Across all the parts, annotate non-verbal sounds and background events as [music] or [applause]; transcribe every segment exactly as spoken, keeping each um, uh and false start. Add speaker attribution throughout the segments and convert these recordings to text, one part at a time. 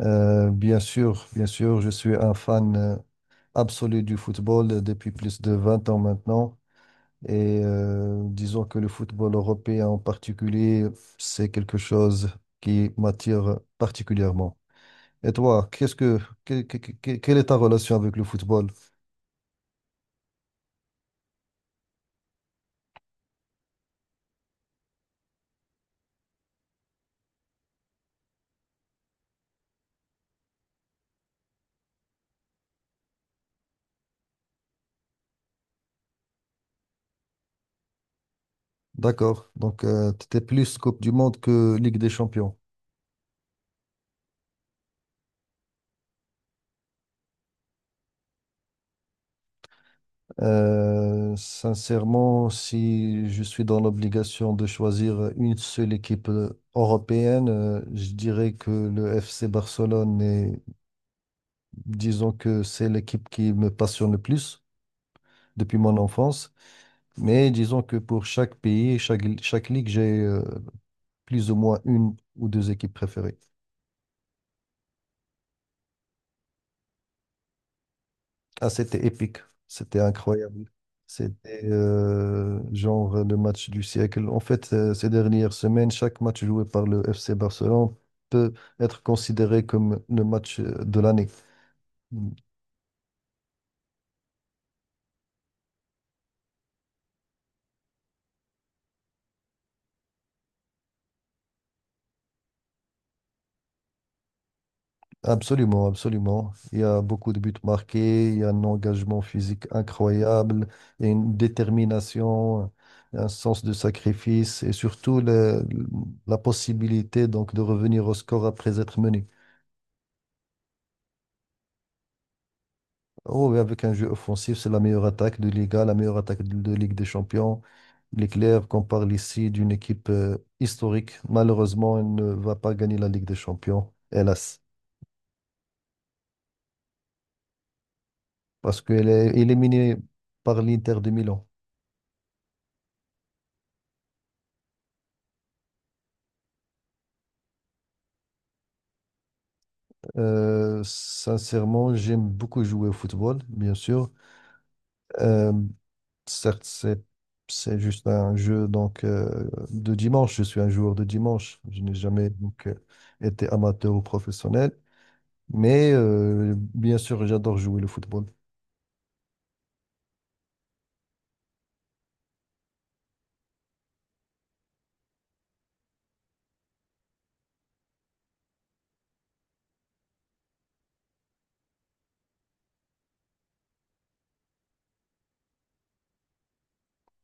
Speaker 1: Euh, bien sûr, bien sûr, je suis un fan euh, absolu du football euh, depuis plus de vingt ans maintenant. Et euh, disons que le football européen en particulier, c'est quelque chose qui m'attire particulièrement. Et toi, qu'est-ce que, que- que- que- quelle est ta relation avec le football? D'accord, donc tu étais plus Coupe du Monde que Ligue des Champions. Euh, sincèrement, si je suis dans l'obligation de choisir une seule équipe euh, européenne, euh, je dirais que le F C Barcelone est, disons que c'est l'équipe qui me passionne le plus depuis mon enfance. Mais disons que pour chaque pays, chaque, chaque ligue, j'ai euh, plus ou moins une ou deux équipes préférées. Ah, c'était épique. C'était incroyable. C'était euh, genre le match du siècle. En fait, euh, ces dernières semaines, chaque match joué par le F C Barcelone peut être considéré comme le match euh, de l'année. Mm. Absolument, absolument. Il y a beaucoup de buts marqués, il y a un engagement physique incroyable, il y a une détermination, un sens de sacrifice et surtout le- la possibilité donc de revenir au score après être mené. Oh, oui, avec un jeu offensif, c'est la meilleure attaque de Liga, la meilleure attaque de, de Ligue des Champions. Il est clair qu'on parle ici d'une équipe euh, historique. Malheureusement, elle ne va pas gagner la Ligue des Champions, hélas, parce qu'elle est éliminée par l'Inter de Milan. Euh, sincèrement, j'aime beaucoup jouer au football, bien sûr. Euh, Certes, c'est c'est juste un jeu donc euh, de dimanche. Je suis un joueur de dimanche. Je n'ai jamais donc euh, été amateur ou professionnel. Mais euh, bien sûr, j'adore jouer le football.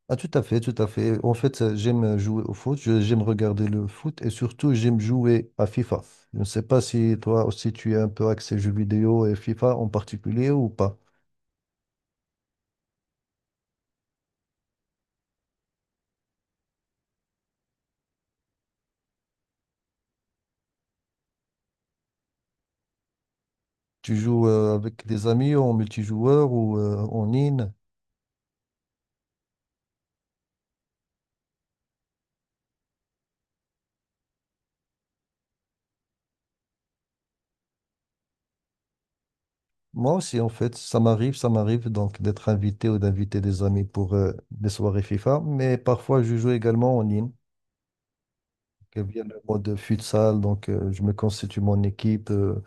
Speaker 1: Ah, tout à fait, tout à fait. En fait, euh, j'aime jouer au foot, je- j'aime regarder le foot et surtout, j'aime jouer à FIFA. Je ne sais pas si toi aussi tu es un peu axé jeux vidéo et FIFA en particulier ou pas. Tu joues euh, avec des amis en multijoueur ou euh, en ligne? Moi aussi, en fait, ça m'arrive, ça m'arrive donc d'être invité ou d'inviter des amis pour euh, des soirées FIFA, mais parfois je joue également en ligne, que via le mode futsal, donc euh, je me constitue mon équipe. euh,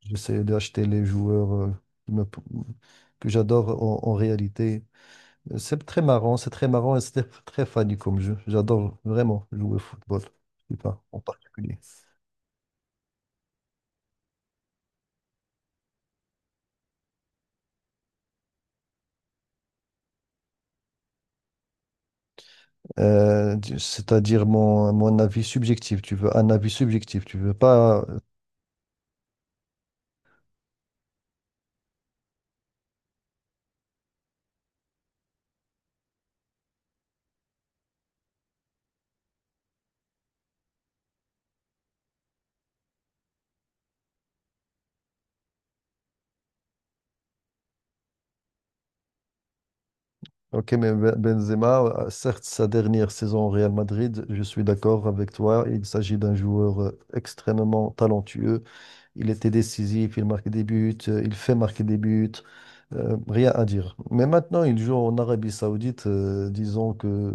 Speaker 1: J'essaie d'acheter les joueurs euh, qui me- que j'adore en, en réalité. C'est très marrant, c'est très marrant et [laughs] c'est très funny comme jeu. J'adore vraiment jouer au football, je sais pas, en particulier. Euh, tu- c'est-à-dire mon, mon avis subjectif, tu veux un avis subjectif, tu veux pas. euh, Ok, mais Ben- Benzema, euh, certes, sa dernière saison au Real Madrid, je suis d'accord avec toi. Il s'agit d'un joueur euh, extrêmement talentueux. Il était décisif, il marquait des buts, euh, il fait marquer des buts. Euh, rien à dire. Mais maintenant, il joue en Arabie Saoudite, euh, disons que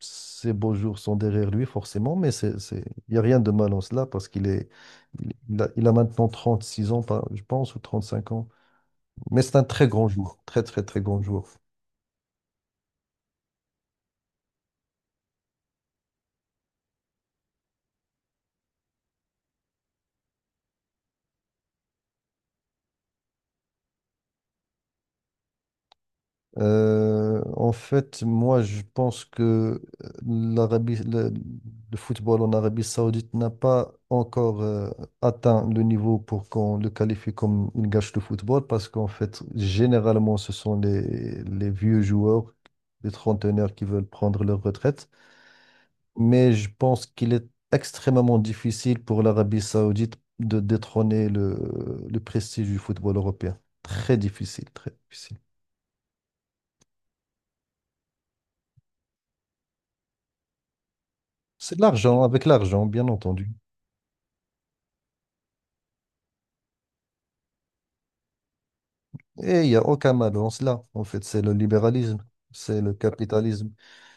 Speaker 1: ses beaux jours sont derrière lui, forcément, mais c'est, c'est... il n'y a rien de mal en cela parce qu'il est... il il a, il a maintenant trente-six ans, par- je pense, ou trente-cinq ans. Mais c'est un très grand joueur, très, très, très grand joueur. Euh, en fait, moi, je pense que euh, l'Arabie, le, le football en Arabie Saoudite n'a pas encore euh, atteint le niveau pour qu'on le qualifie comme une gâche de football, parce qu'en fait, généralement, ce sont les, les vieux joueurs, les trentenaires qui veulent prendre leur retraite. Mais je pense qu'il est extrêmement difficile pour l'Arabie Saoudite de détrôner le, le prestige du football européen. Très difficile, très difficile. C'est de l'argent, avec l'argent, bien entendu. Et il n'y a aucun mal dans cela. En fait, c'est le libéralisme, c'est le capitalisme.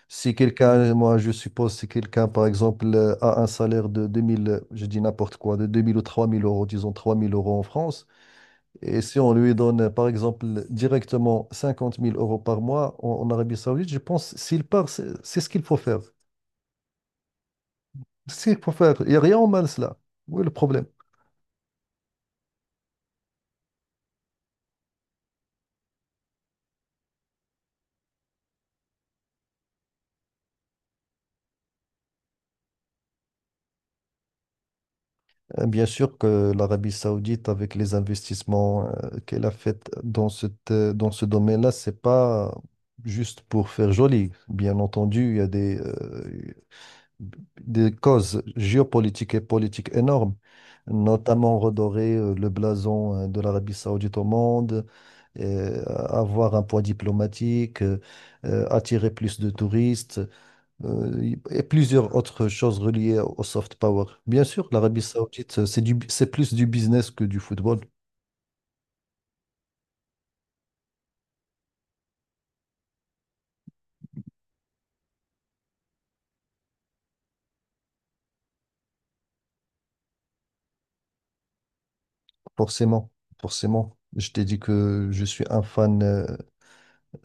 Speaker 1: Si quelqu'un, moi je suppose, si quelqu'un, par exemple, euh, a un salaire de deux mille, euh, je dis n'importe quoi, de deux mille ou trois mille euros, disons trois mille euros en France, et si on lui donne, euh, par exemple, directement cinquante mille euros par mois en, en Arabie Saoudite, je pense, s'il part, c'est c'est ce qu'il faut faire. C'est pour faire. Il n'y a rien au mal cela. Où est le problème? Euh, Bien sûr que l'Arabie Saoudite, avec les investissements euh, qu'elle a fait dans cette, euh, dans ce domaine-là, c'est pas juste pour faire joli. Bien entendu, il y a des, euh, des causes géopolitiques et politiques énormes, notamment redorer euh, le blason euh, de l'Arabie Saoudite au monde, euh, avoir un poids diplomatique, euh, euh, attirer plus de touristes, euh, y- et plusieurs autres choses reliées au soft power. Bien sûr, l'Arabie Saoudite, euh, c'est du, c'est plus du business que du football, forcément, forcément. Je t'ai dit que je suis un fan euh,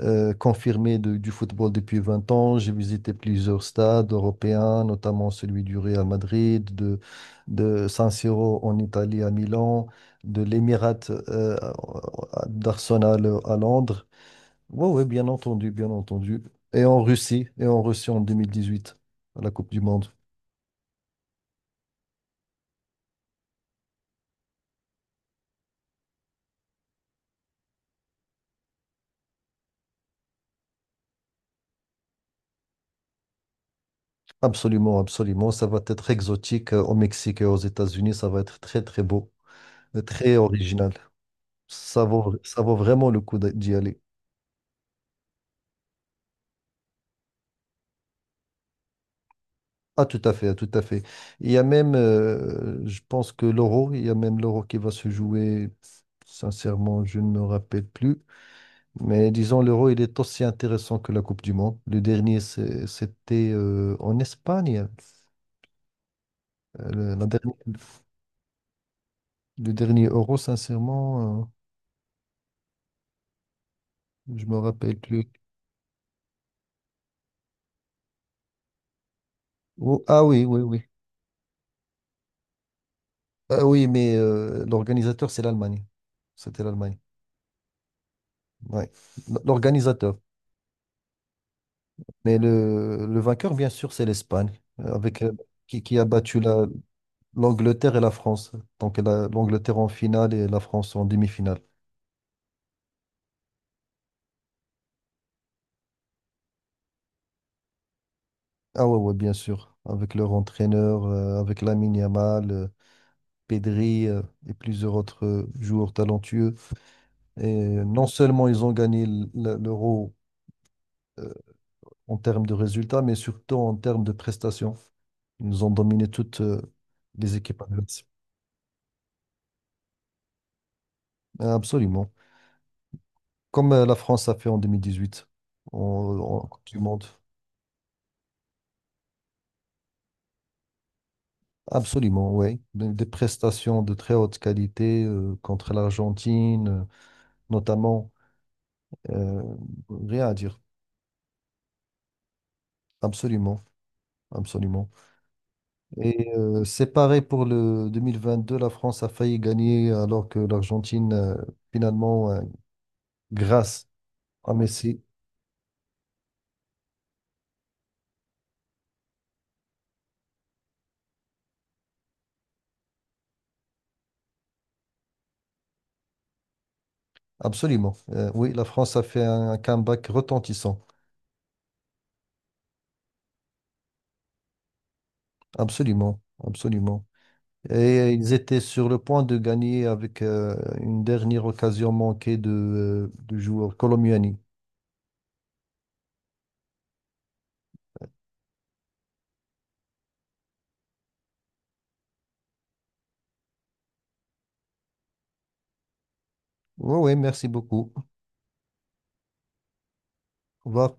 Speaker 1: euh, confirmé de- du football depuis vingt ans. J'ai visité plusieurs stades européens, notamment celui du Real Madrid, de, de San Siro en Italie à Milan, de l'Émirat euh, d'Arsenal à Londres. Oui, oui, bien entendu, bien entendu. Et en Russie, et en Russie en deux mille dix-huit, à la Coupe du Monde. Absolument, absolument. Ça va être exotique euh, au Mexique et aux États-Unis. Ça va être très, très beau, euh, très original. Ça vaut, ça vaut vraiment le coup d'y aller. Ah, tout à fait, ah, tout à fait. Il y a même, euh, je pense que l'Euro, il y a même l'Euro qui va se jouer. Sincèrement, je ne me rappelle plus. Mais disons, l'Euro, il est aussi intéressant que la Coupe du Monde. Le dernier, c'est- c'était euh, en Espagne. Euh, Le, la dernière- le dernier Euro, sincèrement, euh, je me rappelle plus. Oh, ah oui, oui, oui. Ah oui, mais euh, l'organisateur, c'est l'Allemagne. C'était l'Allemagne. Ouais. L'organisateur. Mais le, le vainqueur, bien sûr, c'est l'Espagne, euh, avec, euh, qui, qui a battu la, l'Angleterre et la France. Donc la- l'Angleterre en finale et la France en demi-finale. Ah ouais, ouais, bien sûr. Avec leur entraîneur, euh, avec Lamine Yamal, euh, Pedri euh, et plusieurs autres euh, joueurs talentueux. Et euh, non seulement ils ont gagné l- la- l'Euro euh, en termes de résultats, mais surtout en termes de prestations. Ils nous ont dominé toutes euh, les équipes adverses. Absolument. Comme euh, la France a fait en vingt dix-huit, en, en Coupe du Monde. Absolument, oui. Des des prestations de très haute qualité euh, contre l'Argentine, euh, notamment. euh, Rien à dire. Absolument. Absolument. Et euh, c'est pareil pour le deux mille vingt-deux. La France a failli gagner alors que l'Argentine, euh, finalement, euh, grâce à Messi. Absolument. Euh, oui, la France a fait un, un comeback retentissant. Absolument. Absolument. Et ils étaient sur le point de gagner avec euh, une dernière occasion manquée de, euh, du joueur Colomiani. Oui, oui, merci beaucoup. Au revoir.